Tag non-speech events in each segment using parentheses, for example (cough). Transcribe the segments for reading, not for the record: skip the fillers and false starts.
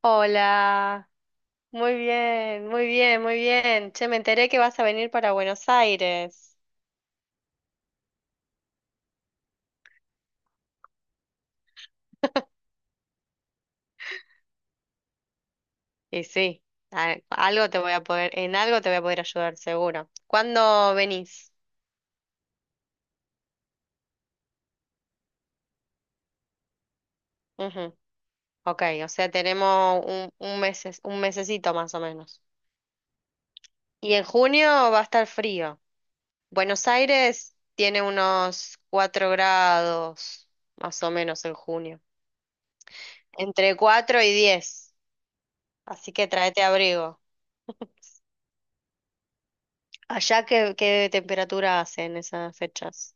Hola, muy bien, muy bien, muy bien. Che, me enteré que vas a venir para Buenos Aires. (laughs) Y sí, algo te voy a poder, en algo te voy a poder ayudar, seguro. ¿Cuándo venís? Ujú. Ok, o sea, tenemos un meses, un mesecito más o menos. Y en junio va a estar frío. Buenos Aires tiene unos 4 grados, más o menos en junio. Entre 4 y 10. Así que tráete abrigo. ¿Allá qué, qué temperatura hace en esas fechas?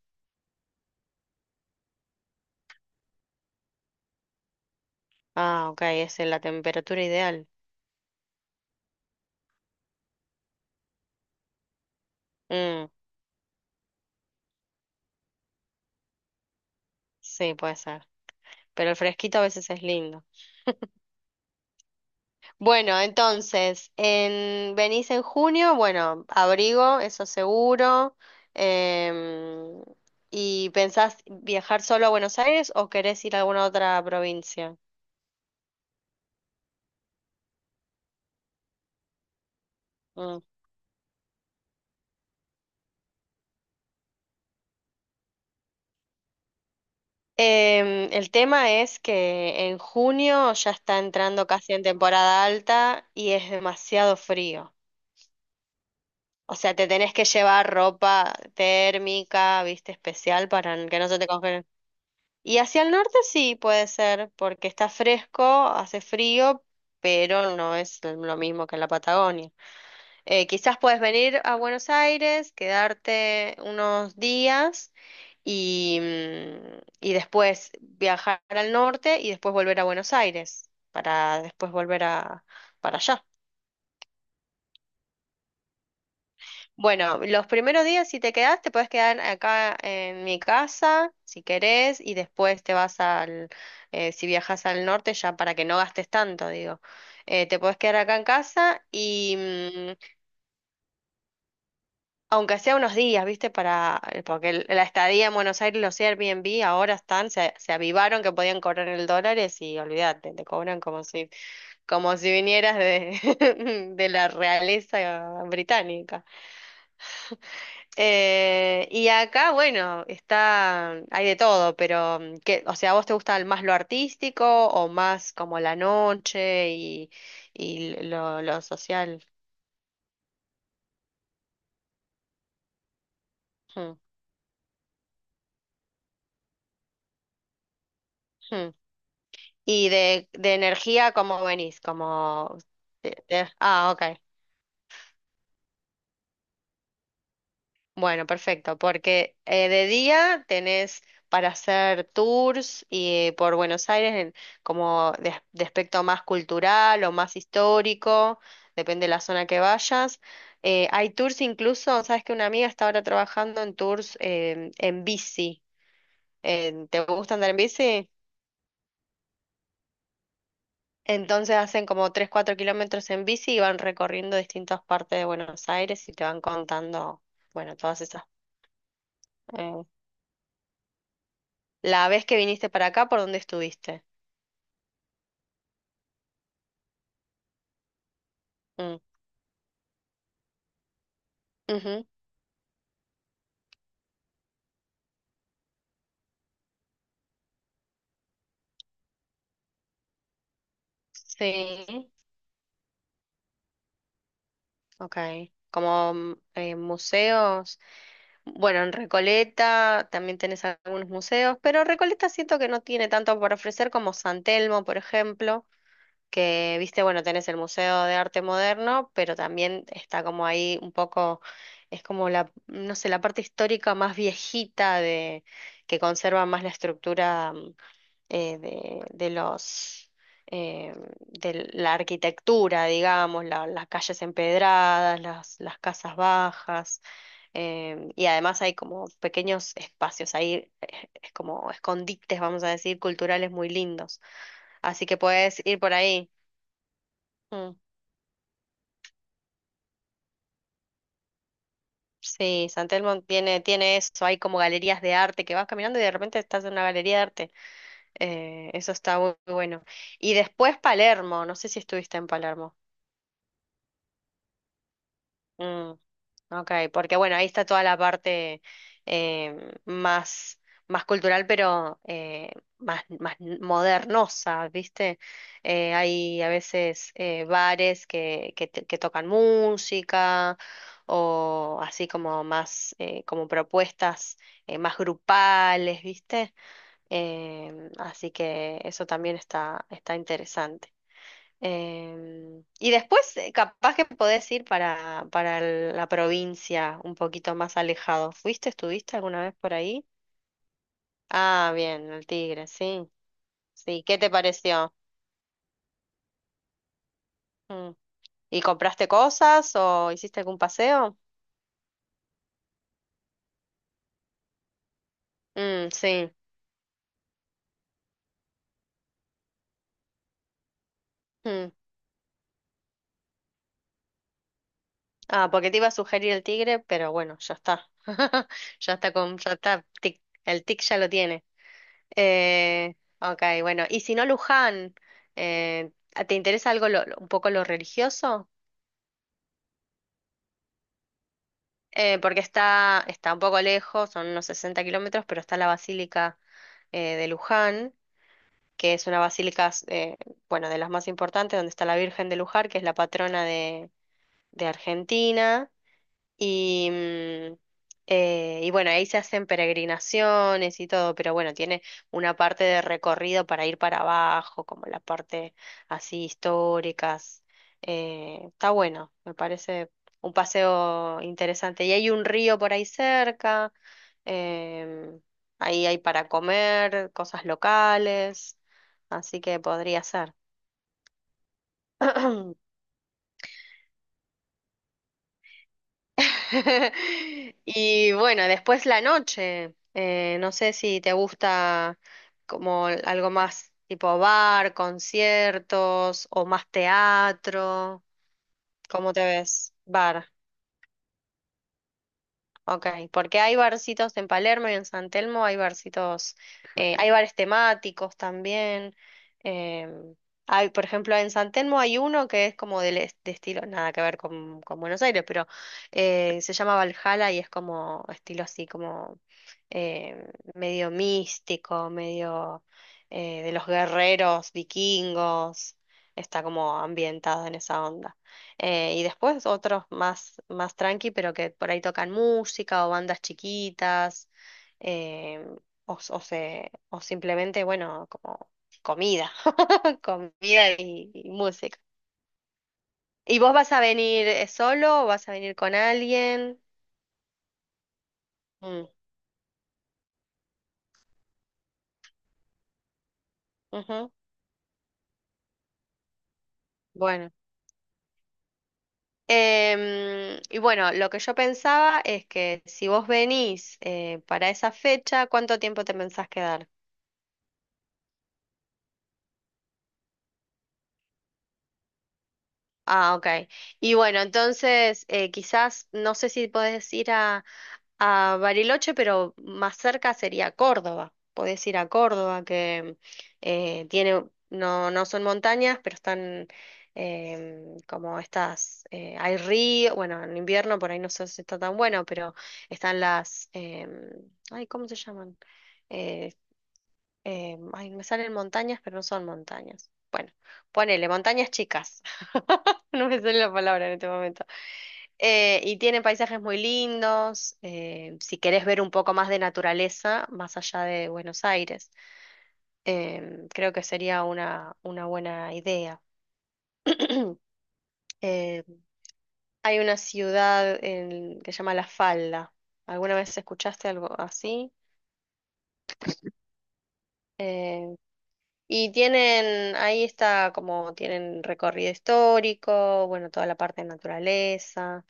Ah, ok, es la temperatura ideal. Mm, sí, puede ser. Pero el fresquito a veces es lindo. Bueno, entonces, venís en junio, bueno, abrigo, eso seguro. em, ¿Y pensás viajar solo a Buenos Aires o querés ir a alguna otra provincia? Mm. Em, el tema es que en junio ya está entrando casi en temporada alta y es demasiado frío. O sea, te tenés que llevar ropa térmica, viste, especial para que no se te congelen. Y hacia el norte sí puede ser, porque está fresco, hace frío, pero no es lo mismo que en la Patagonia. Quizás puedes venir a Buenos Aires, quedarte unos días y y después viajar al norte y después volver a Buenos Aires para después volver a, para allá. Bueno, los primeros días si te quedás, te puedes quedar acá en mi casa, si querés, y después te vas al. Si viajas al norte, ya para que no gastes tanto, digo, te puedes quedar acá en casa aunque sea unos días, ¿viste? Porque la estadía en Buenos Aires, los Airbnb ahora están, se avivaron que podían cobrar el dólares y olvídate, te cobran como si vinieras de, (laughs) de la realeza británica. Y acá, bueno, está, hay de todo, pero que, o sea, ¿a vos te gusta más lo artístico o más como la noche y, lo social? Hmm, hmm. Y de energía, ¿cómo venís? Como ah, ok. Bueno, perfecto, porque de día tenés para hacer tours y por Buenos Aires como de aspecto más cultural o más histórico, depende de la zona que vayas. Hay tours incluso, sabes que una amiga está ahora trabajando en tours en bici. ¿Te gusta andar en bici? Entonces hacen como 3, 4 kilómetros en bici y van recorriendo distintas partes de Buenos Aires y te van contando, bueno, todas esas eh, la vez que viniste para acá, ¿por dónde estuviste? Mm, ujú. Sí, ok. Como museos, bueno, en Recoleta también tenés algunos museos, pero Recoleta siento que no tiene tanto por ofrecer como San Telmo, por ejemplo, que viste, bueno, tenés el Museo de Arte Moderno, pero también está como ahí un poco, es como la, no sé, la parte histórica más viejita de, que conserva más la estructura de los eh, de la arquitectura, digamos, las calles empedradas, las casas bajas, y además hay como pequeños espacios ahí, es como escondites, vamos a decir, culturales muy lindos. Así que puedes ir por ahí. Mm. Sí, San Telmo tiene, tiene eso, hay como galerías de arte que vas caminando y de repente estás en una galería de arte. Eso está muy bueno. Y después Palermo, no sé si estuviste en Palermo. Mm, ok, porque bueno, ahí está toda la parte eh, más, más cultural, pero más, más modernosa, ¿viste? Hay a veces bares que, que tocan música o así como más, como propuestas más grupales, ¿viste? Em, así que eso también está, está interesante. Em, y después, capaz que podés ir para la provincia, un poquito más alejado. ¿Fuiste, estuviste alguna vez por ahí? Ah, bien, el Tigre, sí. Sí, ¿qué te pareció? Mm. ¿Y compraste cosas o hiciste algún paseo? Mm, sí. Mm. Ah, porque te iba a sugerir el Tigre, pero bueno, ya está. (laughs) Ya está con, ya está, tic, el tic ya lo tiene. Ok, bueno, y si no Luján, eh, ¿te interesa algo un poco lo religioso? Porque está, está un poco lejos, son unos 60 kilómetros, pero está la Basílica de Luján, que es una basílica, bueno, de las más importantes, donde está la Virgen de Luján, que es la patrona de Argentina. Y, mm, y bueno, ahí se hacen peregrinaciones y todo, pero bueno, tiene una parte de recorrido para ir para abajo, como la parte así históricas. Está bueno, me parece un paseo interesante. Y hay un río por ahí cerca, em, ahí hay para comer, cosas locales, así que podría ser. (clears throat) (laughs) Y bueno, después la noche. No sé si te gusta como algo más tipo bar, conciertos o más teatro. ¿Cómo te ves? Bar. Ok, porque hay barcitos en Palermo y en San Telmo, hay barcitos, hay bares temáticos también. Em, hay, por ejemplo, en San Telmo hay uno que es como de estilo, nada que ver con Buenos Aires, pero se llama Valhalla y es como estilo así, como em, medio místico, medio de los guerreros vikingos, está como ambientado en esa onda. Y después otros más, más tranqui, pero que por ahí tocan música o bandas chiquitas, eh, o o simplemente, bueno, como comida, (laughs) comida y música. ¿Y vos vas a venir solo o vas a venir con alguien? Mm, ujú. Bueno. Em, y bueno, lo que yo pensaba es que si vos venís para esa fecha, ¿cuánto tiempo te pensás quedar? Ah, ok. Y bueno, entonces quizás, no sé si podés ir a Bariloche, pero más cerca sería Córdoba. Podés ir a Córdoba, que tiene, no, no son montañas, pero están como estas, hay río, bueno, en invierno por ahí no sé si está tan bueno, pero están las, ay, ¿cómo se llaman? Eh, ay, me salen montañas, pero no son montañas. Bueno, ponele, montañas chicas. (laughs) No me sale la palabra en este momento. Y tiene paisajes muy lindos. Si querés ver un poco más de naturaleza, más allá de Buenos Aires, creo que sería una buena idea. (clears throat) Eh, Hay una ciudad que se llama La Falda. ¿Alguna vez escuchaste algo así? Eh, Y tienen, ahí está como tienen recorrido histórico, bueno, toda la parte de naturaleza.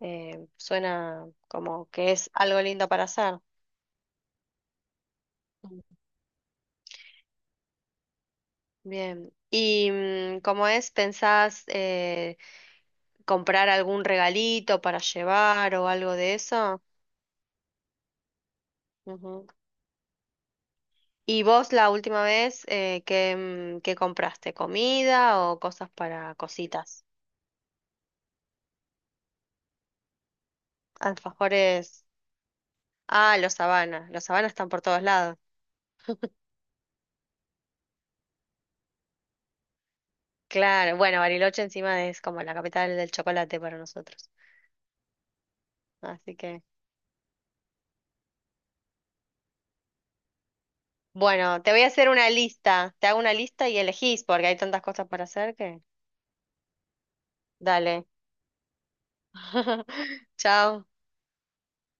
Suena como que es algo lindo para hacer. Mm. Bien. ¿Y mm, cómo es? ¿Pensás comprar algún regalito para llevar o algo de eso? Ujú. ¿Y vos la última vez qué compraste? ¿Comida o cosas para cositas? Alfajores. Ah, los sabanas. Los sabanas están por todos lados. Claro, bueno, Bariloche encima es como la capital del chocolate para nosotros. Así que, bueno, te voy a hacer una lista. Te hago una lista y elegís porque hay tantas cosas para hacer que... Dale. (laughs) Chao.